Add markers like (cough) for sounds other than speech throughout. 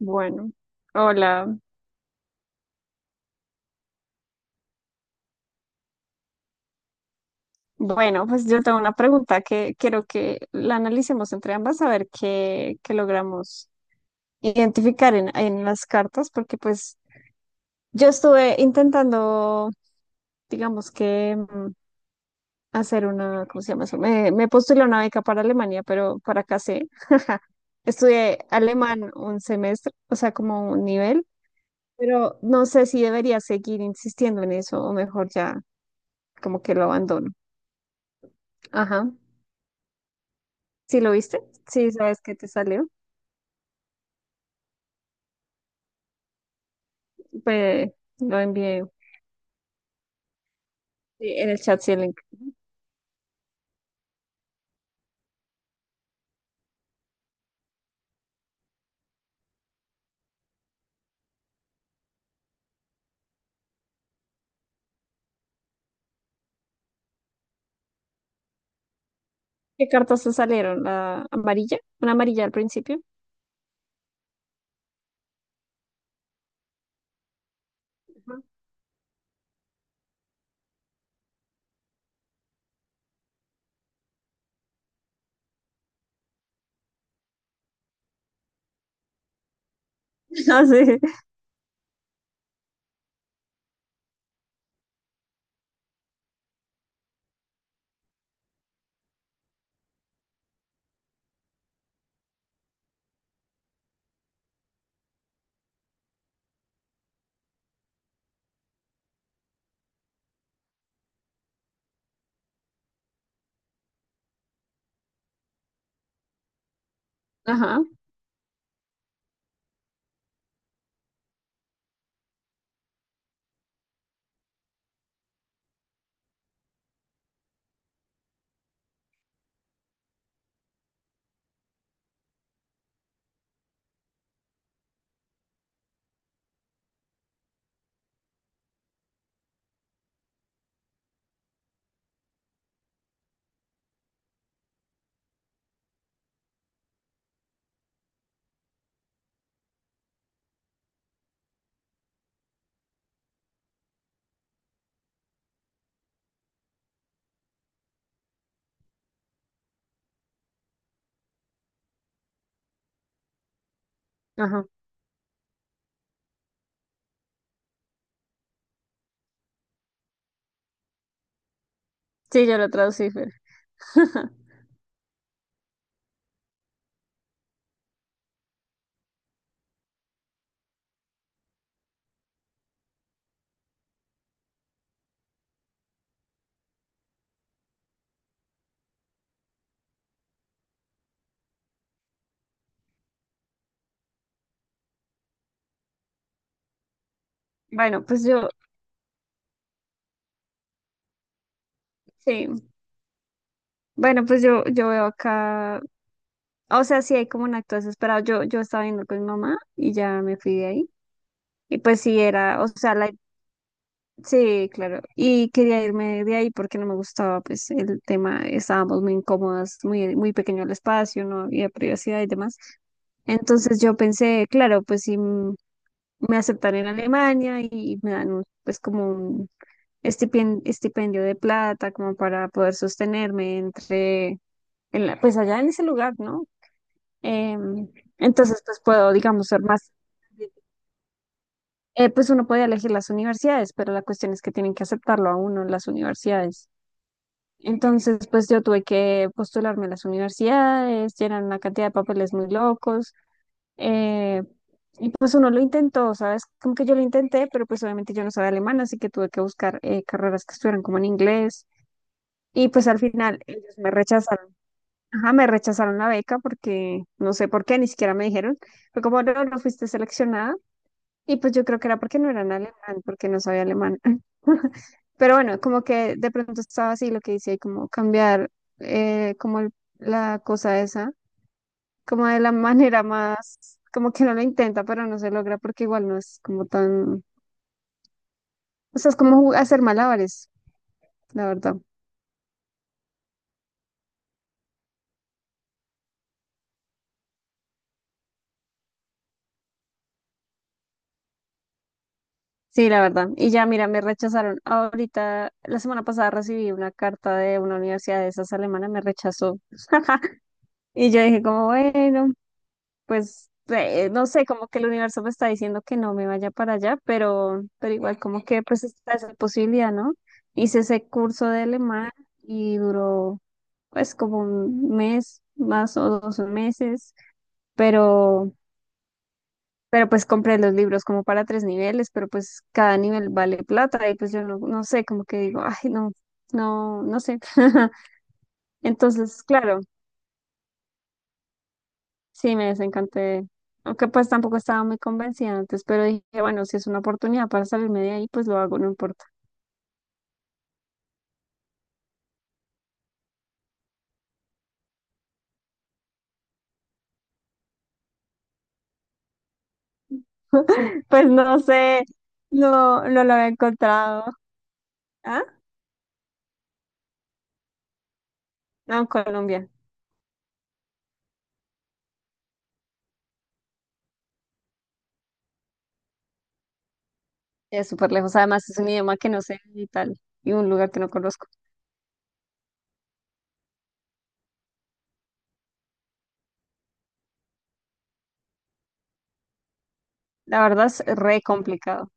Bueno, hola. Bueno, pues yo tengo una pregunta que quiero que la analicemos entre ambas a ver qué logramos identificar en las cartas, porque pues yo estuve intentando, digamos que hacer una, ¿cómo se llama eso? Me postulé a una beca para Alemania, pero para acá sé. (laughs) Estudié alemán un semestre, o sea, como un nivel, pero no sé si debería seguir insistiendo en eso o mejor ya como que lo abandono. Ajá. ¿Sí lo viste? Sí, sabes que te salió. Pues lo envié sí, en el chat, sí, el link. ¿Qué cartas te salieron? ¿La amarilla? ¿Una amarilla al principio? Ajá. (laughs) Ah, sí. Ajá, ajá. Sí, yo lo traducí, Fer. (laughs) Bueno, pues yo, sí. Bueno, pues yo veo acá. O sea, sí hay como un acto desesperado. Yo estaba viendo con mi mamá y ya me fui de ahí. Y pues sí era, o sea, la sí, claro. Y quería irme de ahí porque no me gustaba, pues, el tema, estábamos muy incómodas, muy, muy pequeño el espacio, no había privacidad y demás. Entonces yo pensé, claro, pues si me aceptan en Alemania y me dan pues como un estipendio de plata como para poder sostenerme entre, en pues allá en ese lugar, ¿no? Em, entonces pues puedo, digamos, ser más, pues uno puede elegir las universidades, pero la cuestión es que tienen que aceptarlo a uno en las universidades. Entonces, pues yo tuve que postularme a las universidades, llenar una cantidad de papeles muy locos. eh, y pues uno lo intentó, ¿sabes? Como que yo lo intenté, pero pues obviamente yo no sabía alemán, así que tuve que buscar carreras que estuvieran como en inglés. Y pues al final ellos me rechazaron. Ajá, me rechazaron la beca porque no sé por qué, ni siquiera me dijeron. Fue como, no, no fuiste seleccionada. Y pues yo creo que era porque no eran alemán, porque no sabía alemán. (laughs) Pero bueno, como que de pronto estaba así lo que hice, como cambiar como la cosa esa, como de la (laughs) manera más, como que no lo intenta, pero no se logra porque igual no es como tan, o sea, es como hacer malabares, la verdad. Sí, la verdad. Y ya, mira, me rechazaron. Ahorita, la semana pasada recibí una carta de una universidad de esas alemanas, me rechazó. (laughs) Y yo dije como, bueno. Pues no sé, como que el universo me está diciendo que no me vaya para allá, pero igual como que pues está esa posibilidad, ¿no? Hice ese curso de alemán y duró pues como un mes más o dos meses, pero, pero pues compré los libros como para tres niveles, pero pues cada nivel vale plata y pues yo no, no sé, como que digo, ay, no, no sé. (laughs) Entonces, claro. Sí, me desencanté. Aunque pues tampoco estaba muy convencida antes, pero dije, bueno, si es una oportunidad para salirme de ahí, pues lo hago, no importa. (laughs) Pues no sé, no lo había encontrado. ¿Ah? No, en Colombia. Es súper lejos. Además, es un idioma que no sé y tal, y un lugar que no conozco. La verdad es re complicado.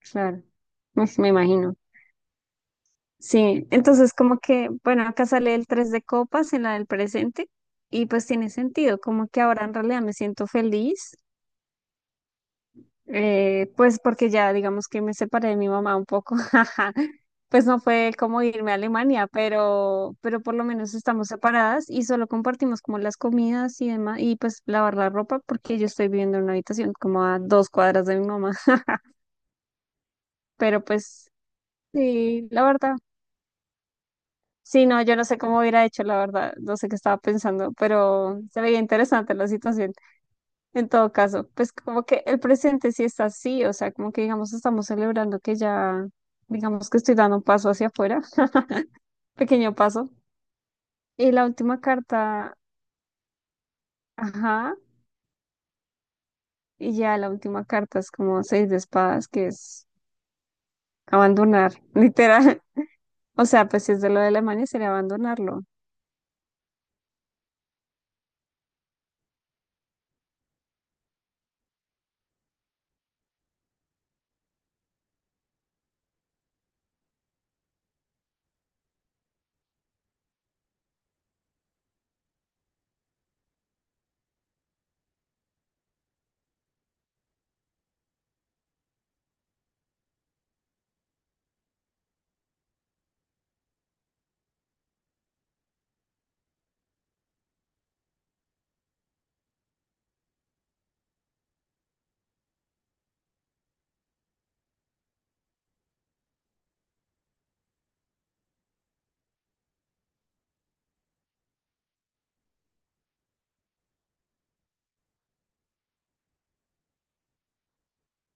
Claro, pues, me imagino. Sí, entonces como que, bueno, acá sale el 3 de copas en la del presente y pues tiene sentido, como que ahora en realidad me siento feliz. Pues porque ya digamos que me separé de mi mamá un poco, (laughs) pues no fue como irme a Alemania, pero por lo menos estamos separadas y solo compartimos como las comidas y demás, y pues lavar la ropa porque yo estoy viviendo en una habitación como a dos cuadras de mi mamá, (laughs) pero pues sí, la verdad. Sí, no, yo no sé cómo hubiera hecho, la verdad, no sé qué estaba pensando, pero se veía interesante la situación. En todo caso, pues como que el presente sí está así, o sea, como que digamos estamos celebrando que ya, digamos que estoy dando un paso hacia afuera, (laughs) pequeño paso. Y la última carta, ajá, y ya la última carta es como seis de espadas, que es abandonar, (laughs) literal. O sea, pues si es de lo de Alemania sería abandonarlo.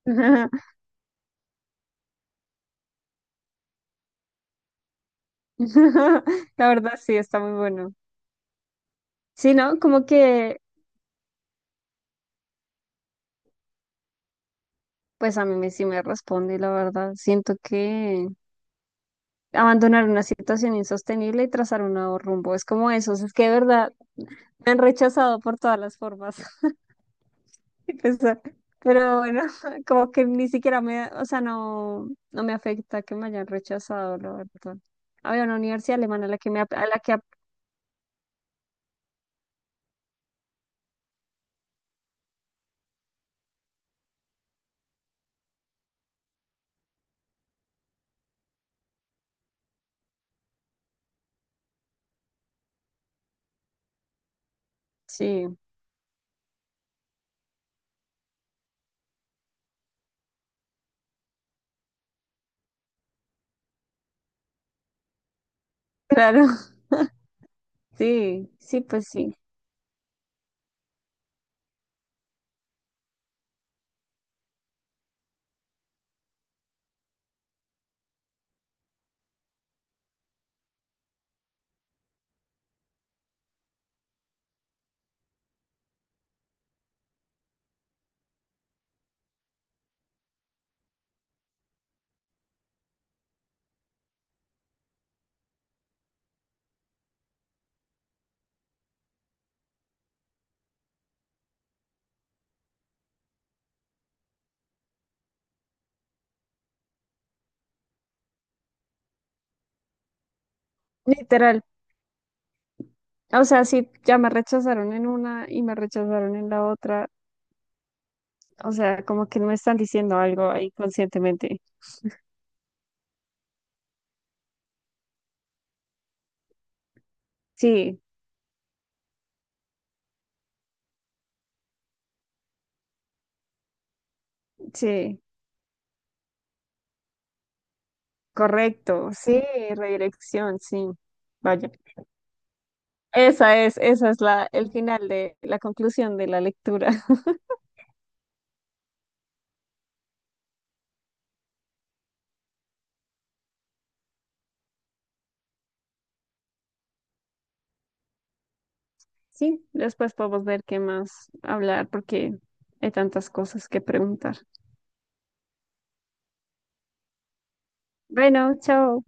(laughs) La verdad sí, está muy bueno. Sí, ¿no? Como que, pues a mí sí me responde, la verdad. Siento que... abandonar una situación insostenible y trazar un nuevo rumbo. Es como eso, es que de verdad me han rechazado por todas las formas. (laughs) Y pesar. Pero bueno, (laughs) como que ni siquiera me, o sea, no, no me afecta que me hayan rechazado, la verdad. Había una universidad alemana a la que a la que, sí, claro, (laughs) sí, pues sí, literal. O sea, sí, ya me rechazaron en una y me rechazaron en la otra. O sea, como que no me están diciendo algo ahí conscientemente. Sí, sí. Correcto, sí, redirección, sí. Vaya. Esa es la, el final de la conclusión de la lectura. (laughs) Sí, después podemos ver qué más hablar porque hay tantas cosas que preguntar. Bueno, chao.